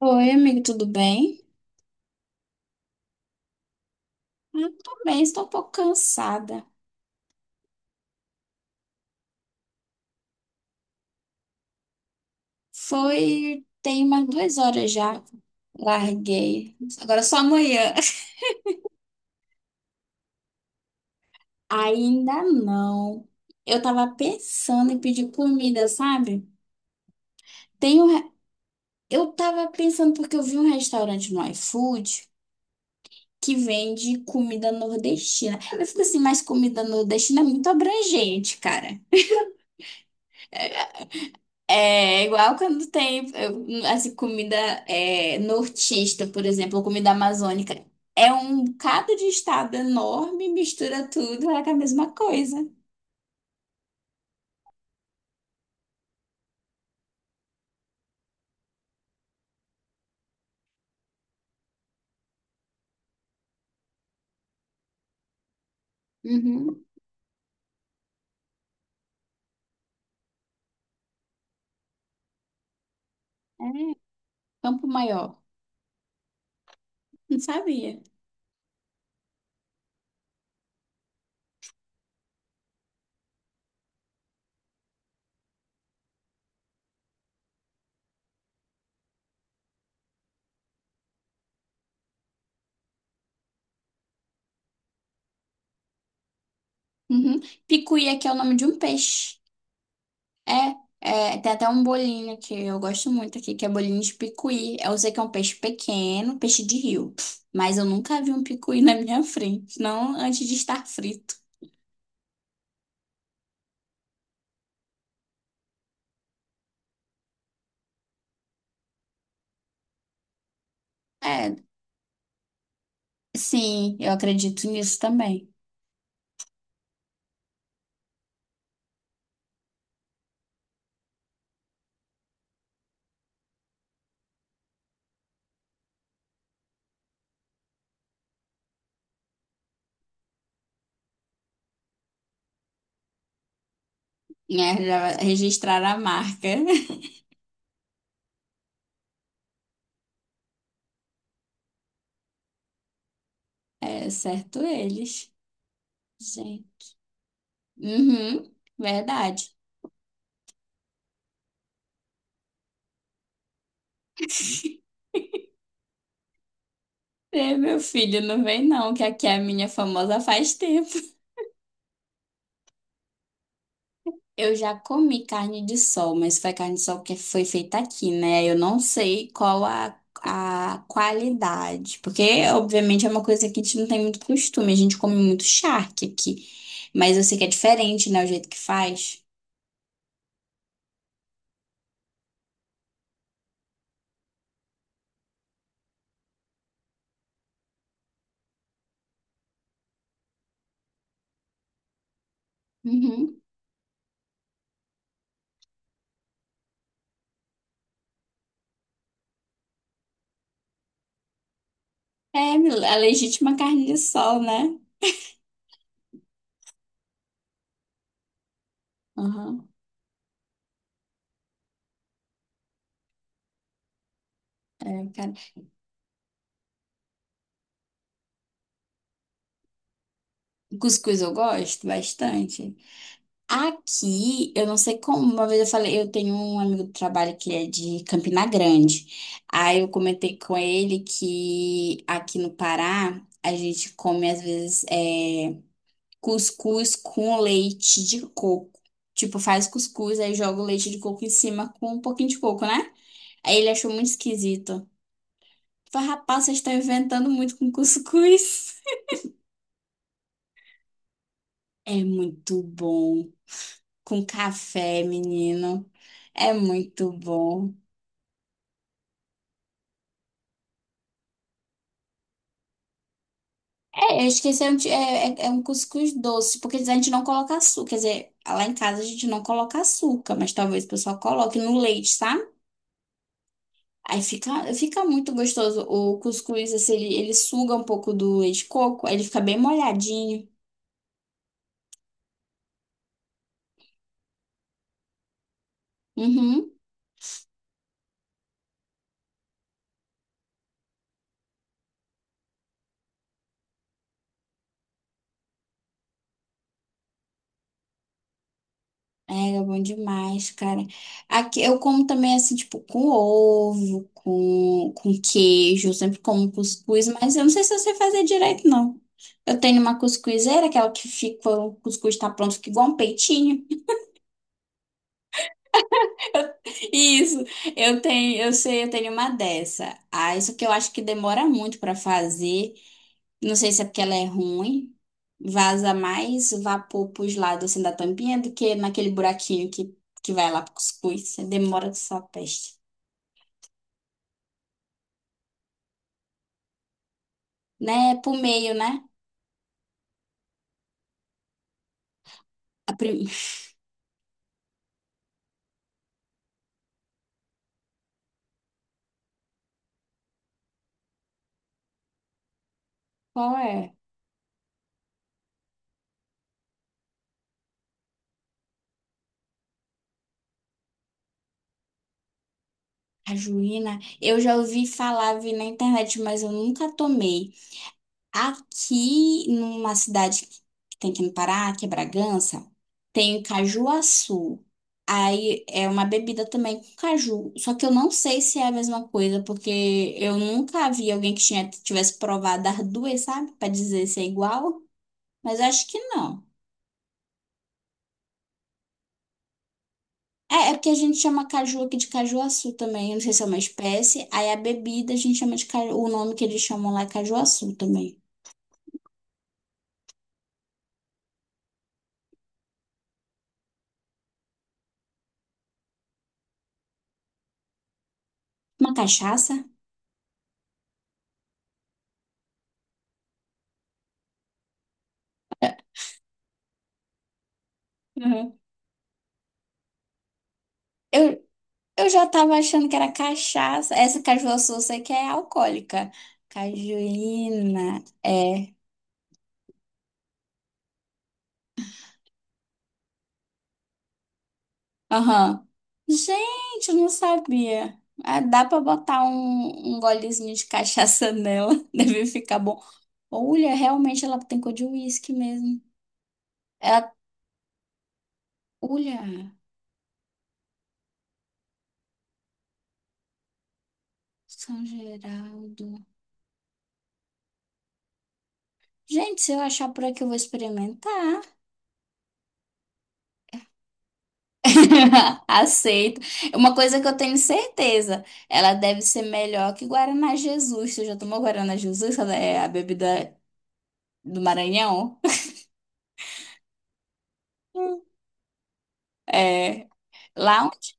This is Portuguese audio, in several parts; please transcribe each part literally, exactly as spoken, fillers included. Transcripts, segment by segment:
Oi, amigo, tudo bem? Eu tô bem, estou um pouco cansada. Foi, tem umas duas horas já. Larguei. Agora só amanhã. Ainda não. Eu tava pensando em pedir comida, sabe? Tem um, re- eu tava pensando porque eu vi um restaurante no iFood que vende comida nordestina. Eu fico assim, mas comida nordestina é muito abrangente, cara. É igual quando tem, eu- assim, comida é, nortista, por exemplo, ou comida amazônica. É um bocado de estado enorme, mistura tudo, é a mesma coisa. Uhum. É, Campo Maior. Não sabia. Uhum. Picuí que é o nome de um peixe. É, é, tem até um bolinho que eu gosto muito aqui, que é bolinho de picuí. Eu sei que é um peixe pequeno, peixe de rio. Mas eu nunca vi um picuí na minha frente, não antes de estar frito. É, Sim, eu acredito nisso também. Né, já Registrar a marca. É, certo eles. Sim. Uhum, verdade. É, meu filho, não vem não, que aqui é a minha famosa faz tempo. Eu já comi carne de sol, mas foi carne de sol que foi feita aqui, né? Eu não sei qual a, a qualidade, porque obviamente é uma coisa que a gente não tem muito costume, a gente come muito charque aqui, mas eu sei que é diferente, né, o jeito que faz. Uhum. É, a legítima carne de sol, né? Aham, é, cara. Cuscuz eu gosto bastante. Aqui, eu não sei como, uma vez eu falei, eu tenho um amigo do trabalho que é de Campina Grande. Aí eu comentei com ele que aqui no Pará, a gente come às vezes é, cuscuz com leite de coco. Tipo, faz cuscuz, aí joga o leite de coco em cima com um pouquinho de coco, né? Aí ele achou muito esquisito. Farrapaça está inventando muito com cuscuz. É muito bom. Com café, menino. É muito bom. É, eu esqueci, é, um ti- é é- é um cuscuz doce, porque a gente não coloca açúcar. Quer dizer, lá em casa a gente não coloca açúcar, mas talvez o pessoal coloque no leite, sabe? Aí fica, fica muito gostoso. O cuscuz, assim, ele, ele suga um pouco do leite de coco, aí ele fica bem molhadinho. Uhum. É, é bom demais, cara. Aqui eu como também assim, tipo, com ovo, com, com queijo, eu sempre como cuscuz, mas eu não sei se eu sei fazer direito, não. Eu tenho uma cuscuzeira, aquela que fica, o cuscuz tá pronto, fica igual um peitinho. Isso, eu tenho, eu sei, eu tenho uma dessa. Ah, isso que eu acho que demora muito pra fazer. Não sei se é porque ela é ruim. Vaza mais vapor pros lados assim da tampinha do que naquele buraquinho que, que vai lá pro cuscuz. Você demora com sua peste. Né? É Pro meio, né? A prim... Qual é? A juína. Eu já ouvi falar, vi na internet, mas eu nunca tomei. Aqui, numa cidade que tem aqui no Pará, que é Bragança, tem o cajuaçu. Aí é uma bebida também com caju. Só que eu não sei se é a mesma coisa, porque eu nunca vi alguém que tinha, tivesse provado as duas, sabe? Pra dizer se é igual. Mas eu acho que não. É, é porque a gente chama caju aqui de cajuaçu também. Eu não sei se é uma espécie. Aí a bebida a gente chama de caju. O nome que eles chamam lá é cajuaçu também. Uma cachaça? Uhum. Eu, Eu já tava achando que era cachaça. Essa cajuaçu eu sei que é alcoólica. Cajuína. É. Aham. Gente, eu não sabia. Ah, dá pra botar um, um, golezinho de cachaça nela. Deve ficar bom. Olha, realmente ela tem cor de uísque mesmo. Ela... Olha, São Geraldo. Gente, se eu achar por aqui, eu vou experimentar. Aceito. Uma coisa que eu tenho certeza, ela deve ser melhor que Guaraná Jesus. Tu já tomou Guaraná Jesus? Ela É a bebida do Maranhão? Hum. É. Lá onde...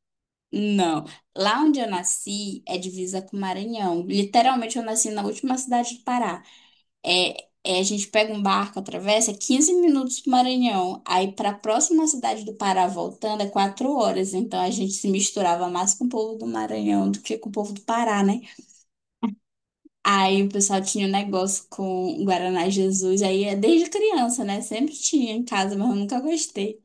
Não. Lá onde eu nasci é divisa com o Maranhão. Literalmente, eu nasci na última cidade do Pará. É, é, a gente pega um barco, atravessa quinze minutos pro Maranhão. Aí, para a próxima cidade do Pará, voltando, é quatro horas. Então, a gente se misturava mais com o povo do Maranhão do que com o povo do Pará, né? Aí o pessoal tinha um negócio com Guaraná Jesus, aí é desde criança, né? Sempre tinha em casa, mas eu nunca gostei.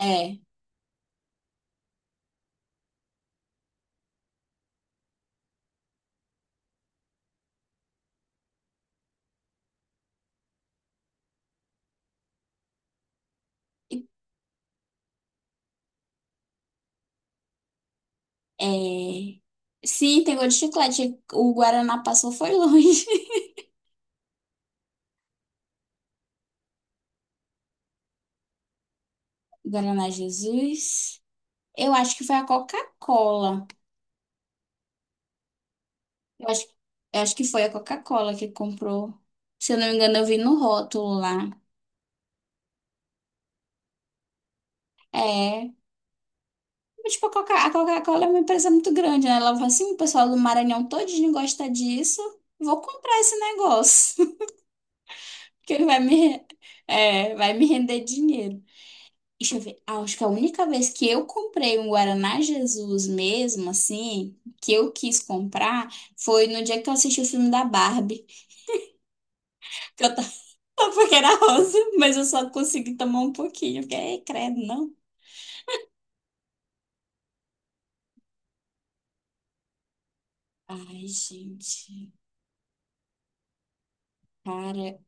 É, é... Sim, tem gosto de chiclete. O Guaraná passou foi longe. Guaraná Jesus. Eu acho que foi a Coca-Cola. Eu acho, eu acho que foi a Coca-Cola que comprou. Se eu não me engano, eu vi no rótulo lá. É. Mas, tipo, a Coca- a Coca-Cola é uma empresa muito grande, né? Ela falou assim, o pessoal do Maranhão todinho gosta disso. Vou comprar esse negócio. que vai me, re- é, vai me render dinheiro. Deixa eu ver. Ah, acho que a única vez que eu comprei um Guaraná Jesus mesmo, assim, que eu quis comprar, foi no dia que eu assisti o filme da Barbie. Que eu tava porque era rosa, mas eu só consegui tomar um pouquinho. Porque, "Ei, credo, não. Ai, gente. Cara.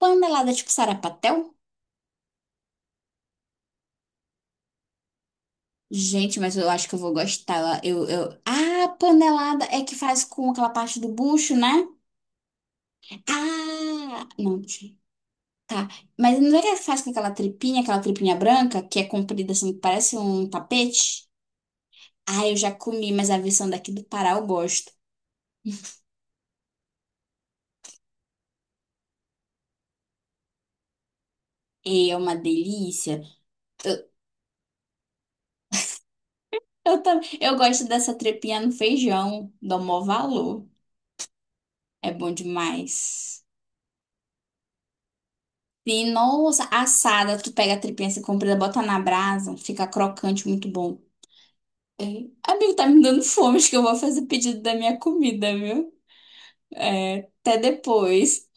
Panelada tipo sarapatel? Gente, mas eu acho que eu vou gostar. Eu, eu... Ah, panelada é que faz com aquela parte do bucho, né? Ah! Não. Tá, mas não é que faz com aquela tripinha, aquela tripinha branca, que é comprida assim, que parece um tapete? Ah, eu já comi, mas a versão daqui do Pará eu gosto. E é uma delícia. Eu, eu, tam- eu gosto dessa tripinha no feijão, dou maior valor. É bom demais. E nossa, assada, tu pega a tripinha assim comprida, bota na brasa, fica crocante, muito bom. É, Amigo, tá me dando fome, acho que eu vou fazer pedido da minha comida, viu? É, até depois.